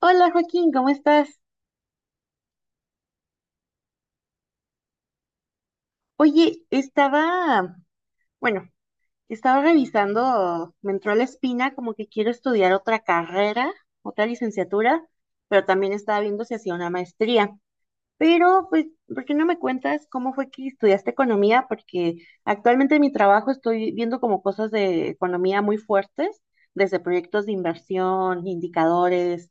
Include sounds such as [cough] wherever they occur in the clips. Hola Joaquín, ¿cómo estás? Oye, estaba, bueno, estaba revisando, me entró la espina como que quiero estudiar otra carrera, otra licenciatura, pero también estaba viendo si hacía una maestría. Pero, pues, ¿por qué no me cuentas cómo fue que estudiaste economía? Porque actualmente en mi trabajo estoy viendo como cosas de economía muy fuertes, desde proyectos de inversión, indicadores,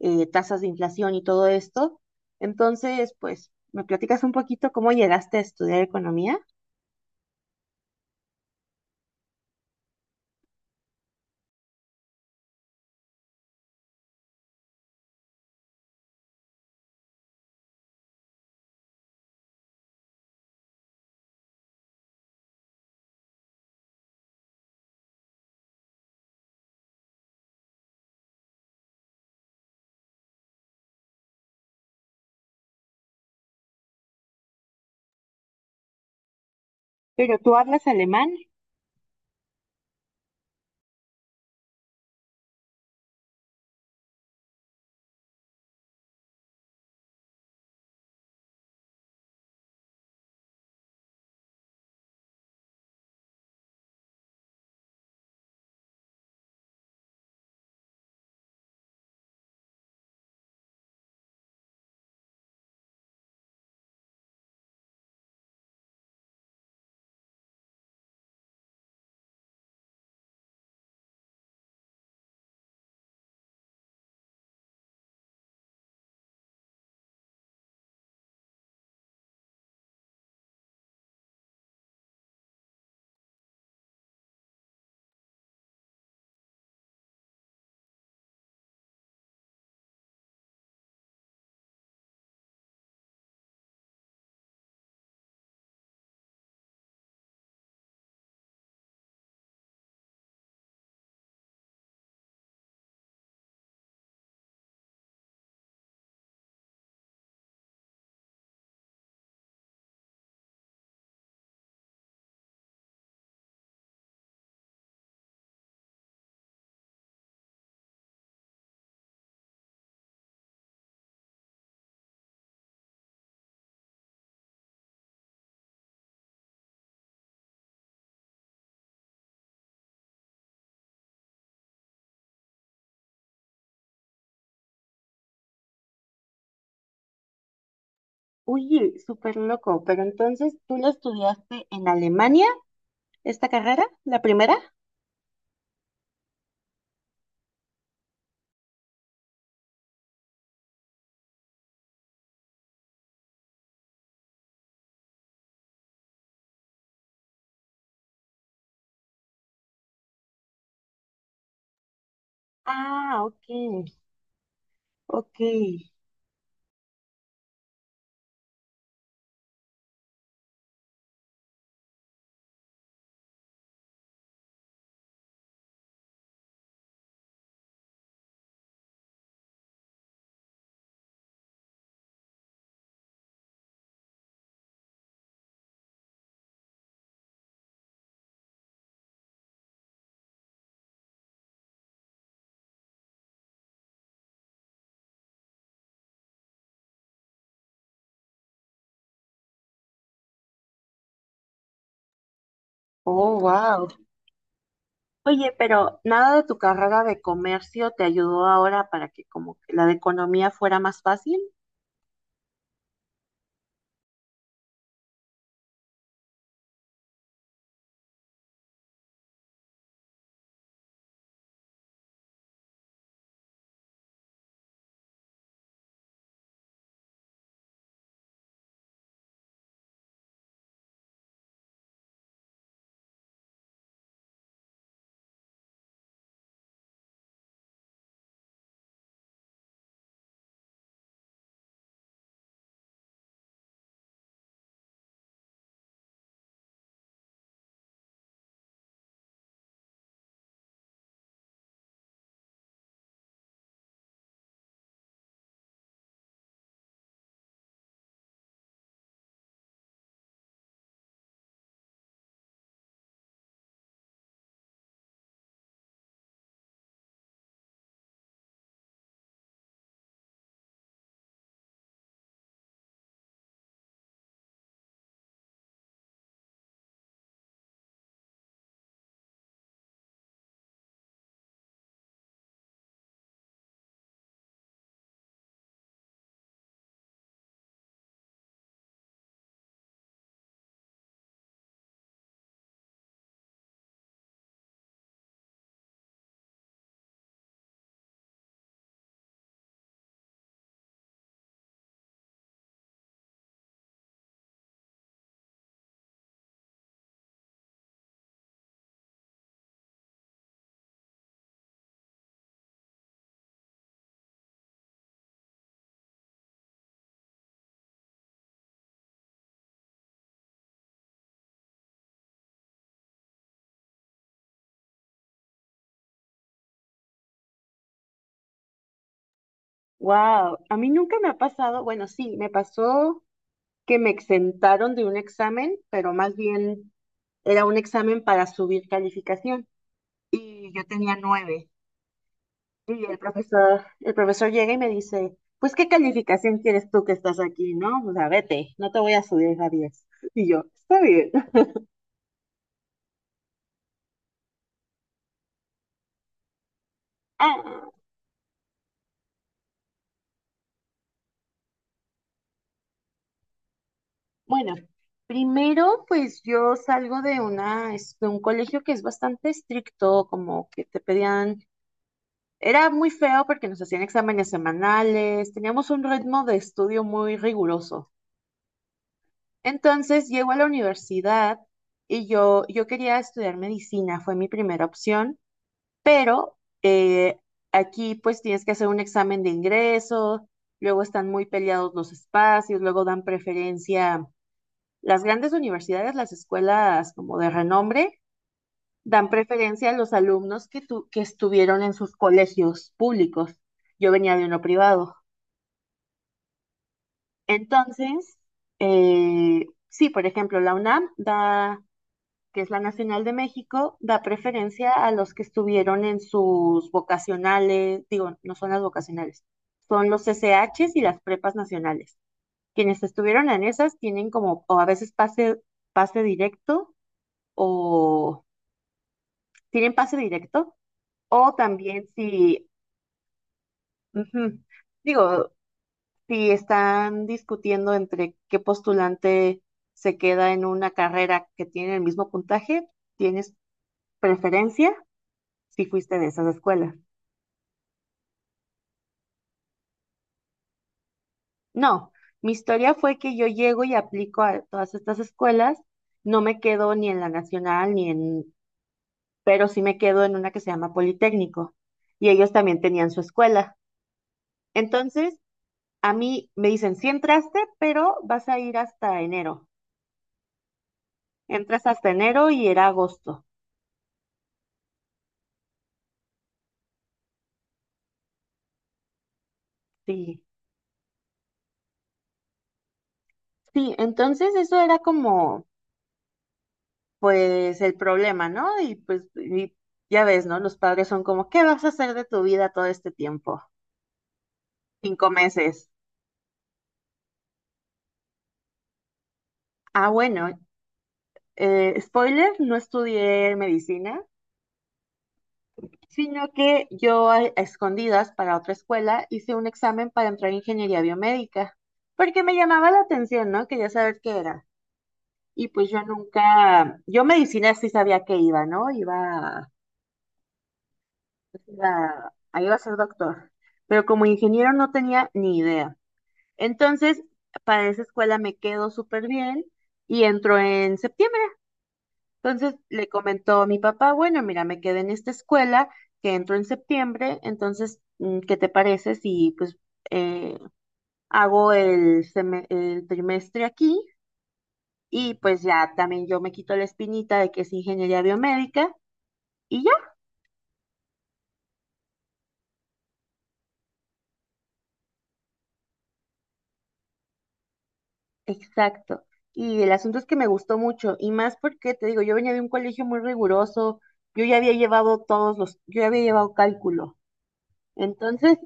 tasas de inflación y todo esto. Entonces, pues, ¿me platicas un poquito cómo llegaste a estudiar economía? Pero tú hablas alemán. Uy, súper loco. Pero entonces, ¿tú la estudiaste en Alemania, esta carrera, la primera? Ah, ok, ok. Oh, wow. Oye, pero nada de tu carrera de comercio te ayudó ahora para que como que la de economía fuera más fácil. Wow, a mí nunca me ha pasado, bueno, sí, me pasó que me exentaron de un examen, pero más bien era un examen para subir calificación y yo tenía nueve. Y el profesor llega y me dice, pues, ¿qué calificación quieres tú que estás aquí, no? O sea, vete, no te voy a subir a diez. Y yo, está bien. [laughs] Ah, bueno, primero, pues yo salgo de una, de un colegio que es bastante estricto, como que te pedían, era muy feo porque nos hacían exámenes semanales, teníamos un ritmo de estudio muy riguroso. Entonces llego a la universidad y yo quería estudiar medicina, fue mi primera opción, pero eh, aquí pues tienes que hacer un examen de ingreso, luego están muy peleados los espacios, luego dan preferencia. Las grandes universidades, las escuelas como de renombre, dan preferencia a los alumnos que, que estuvieron en sus colegios públicos. Yo venía de uno privado. Entonces, sí, por ejemplo, la UNAM da, que es la Nacional de México, da preferencia a los que estuvieron en sus vocacionales, digo, no son las vocacionales, son los SHs y las prepas nacionales. Quienes estuvieron en esas tienen como, o a veces pase, pase directo o tienen pase directo o también si, ujú, digo, si están discutiendo entre qué postulante se queda en una carrera que tiene el mismo puntaje, ¿tienes preferencia si fuiste de esas escuelas? No, mi historia fue que yo llego y aplico a todas estas escuelas, no me quedo ni en la nacional ni en, pero sí me quedo en una que se llama Politécnico y ellos también tenían su escuela. Entonces, a mí me dicen, sí entraste, pero vas a ir hasta enero. Entras hasta enero y era agosto. Sí, sí, entonces eso era como, pues, el problema, ¿no? Y pues, y ya ves, ¿no? Los padres son como, ¿qué vas a hacer de tu vida todo este tiempo? Cinco meses. Ah, bueno, spoiler, no estudié medicina, sino que yo a escondidas para otra escuela hice un examen para entrar en ingeniería biomédica, porque me llamaba la atención, ¿no? Quería saber qué era. Y pues yo nunca, yo medicina sí sabía que iba, ¿no? Iba a ser doctor, pero como ingeniero no tenía ni idea. Entonces, para esa escuela me quedo súper bien y entró en septiembre. Entonces le comentó a mi papá, bueno, mira, me quedé en esta escuela que entro en septiembre, entonces, ¿qué te parece si pues eh, hago el, el trimestre aquí? Y pues ya también yo me quito la espinita de que es ingeniería biomédica. Y exacto. Y el asunto es que me gustó mucho, y más porque te digo, yo venía de un colegio muy riguroso, yo ya había llevado todos los, yo ya había llevado cálculo. Entonces,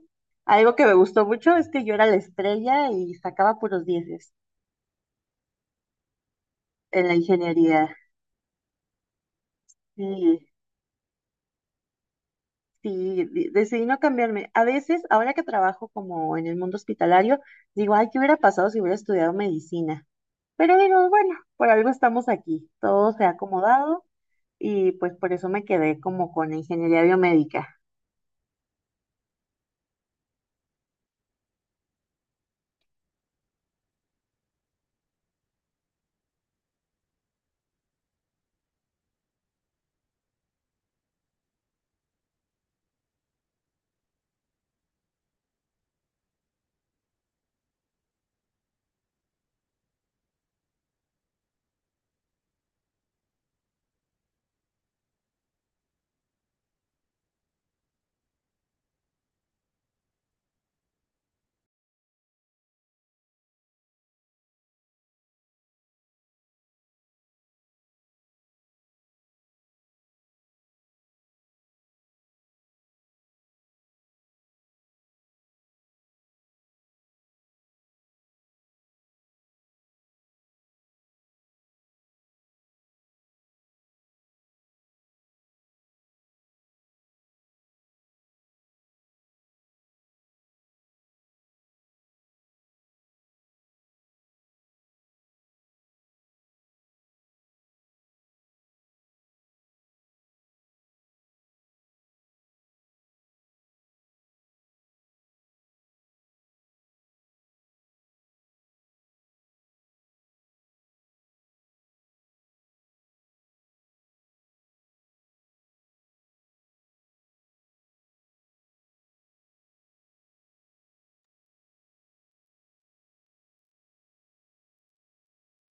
algo que me gustó mucho es que yo era la estrella y sacaba puros dieces en la ingeniería. Y sí, decidí no cambiarme. A veces, ahora que trabajo como en el mundo hospitalario, digo, ay, ¿qué hubiera pasado si hubiera estudiado medicina? Pero digo, bueno, por algo estamos aquí, todo se ha acomodado y pues por eso me quedé como con la ingeniería biomédica.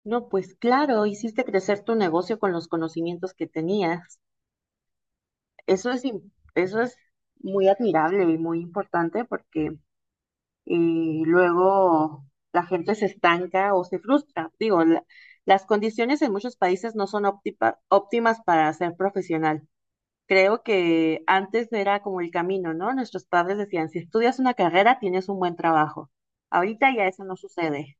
No, pues claro, hiciste crecer tu negocio con los conocimientos que tenías. Eso es muy admirable y muy importante porque luego la gente se estanca o se frustra. Digo, las condiciones en muchos países no son óptimas para ser profesional. Creo que antes era como el camino, ¿no? Nuestros padres decían, si estudias una carrera, tienes un buen trabajo. Ahorita ya eso no sucede.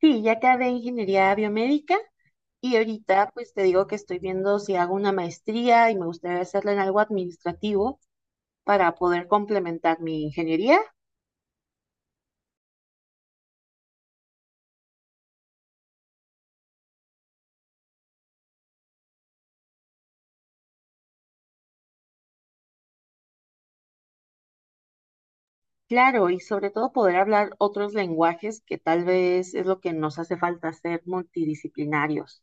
Sí, ya acabé ingeniería biomédica y ahorita pues te digo que estoy viendo si hago una maestría y me gustaría hacerla en algo administrativo para poder complementar mi ingeniería. Claro, y sobre todo poder hablar otros lenguajes que tal vez es lo que nos hace falta ser multidisciplinarios.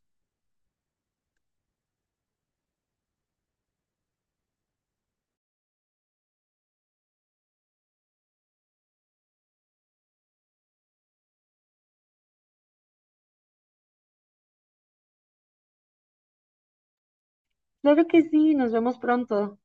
Claro que sí, nos vemos pronto.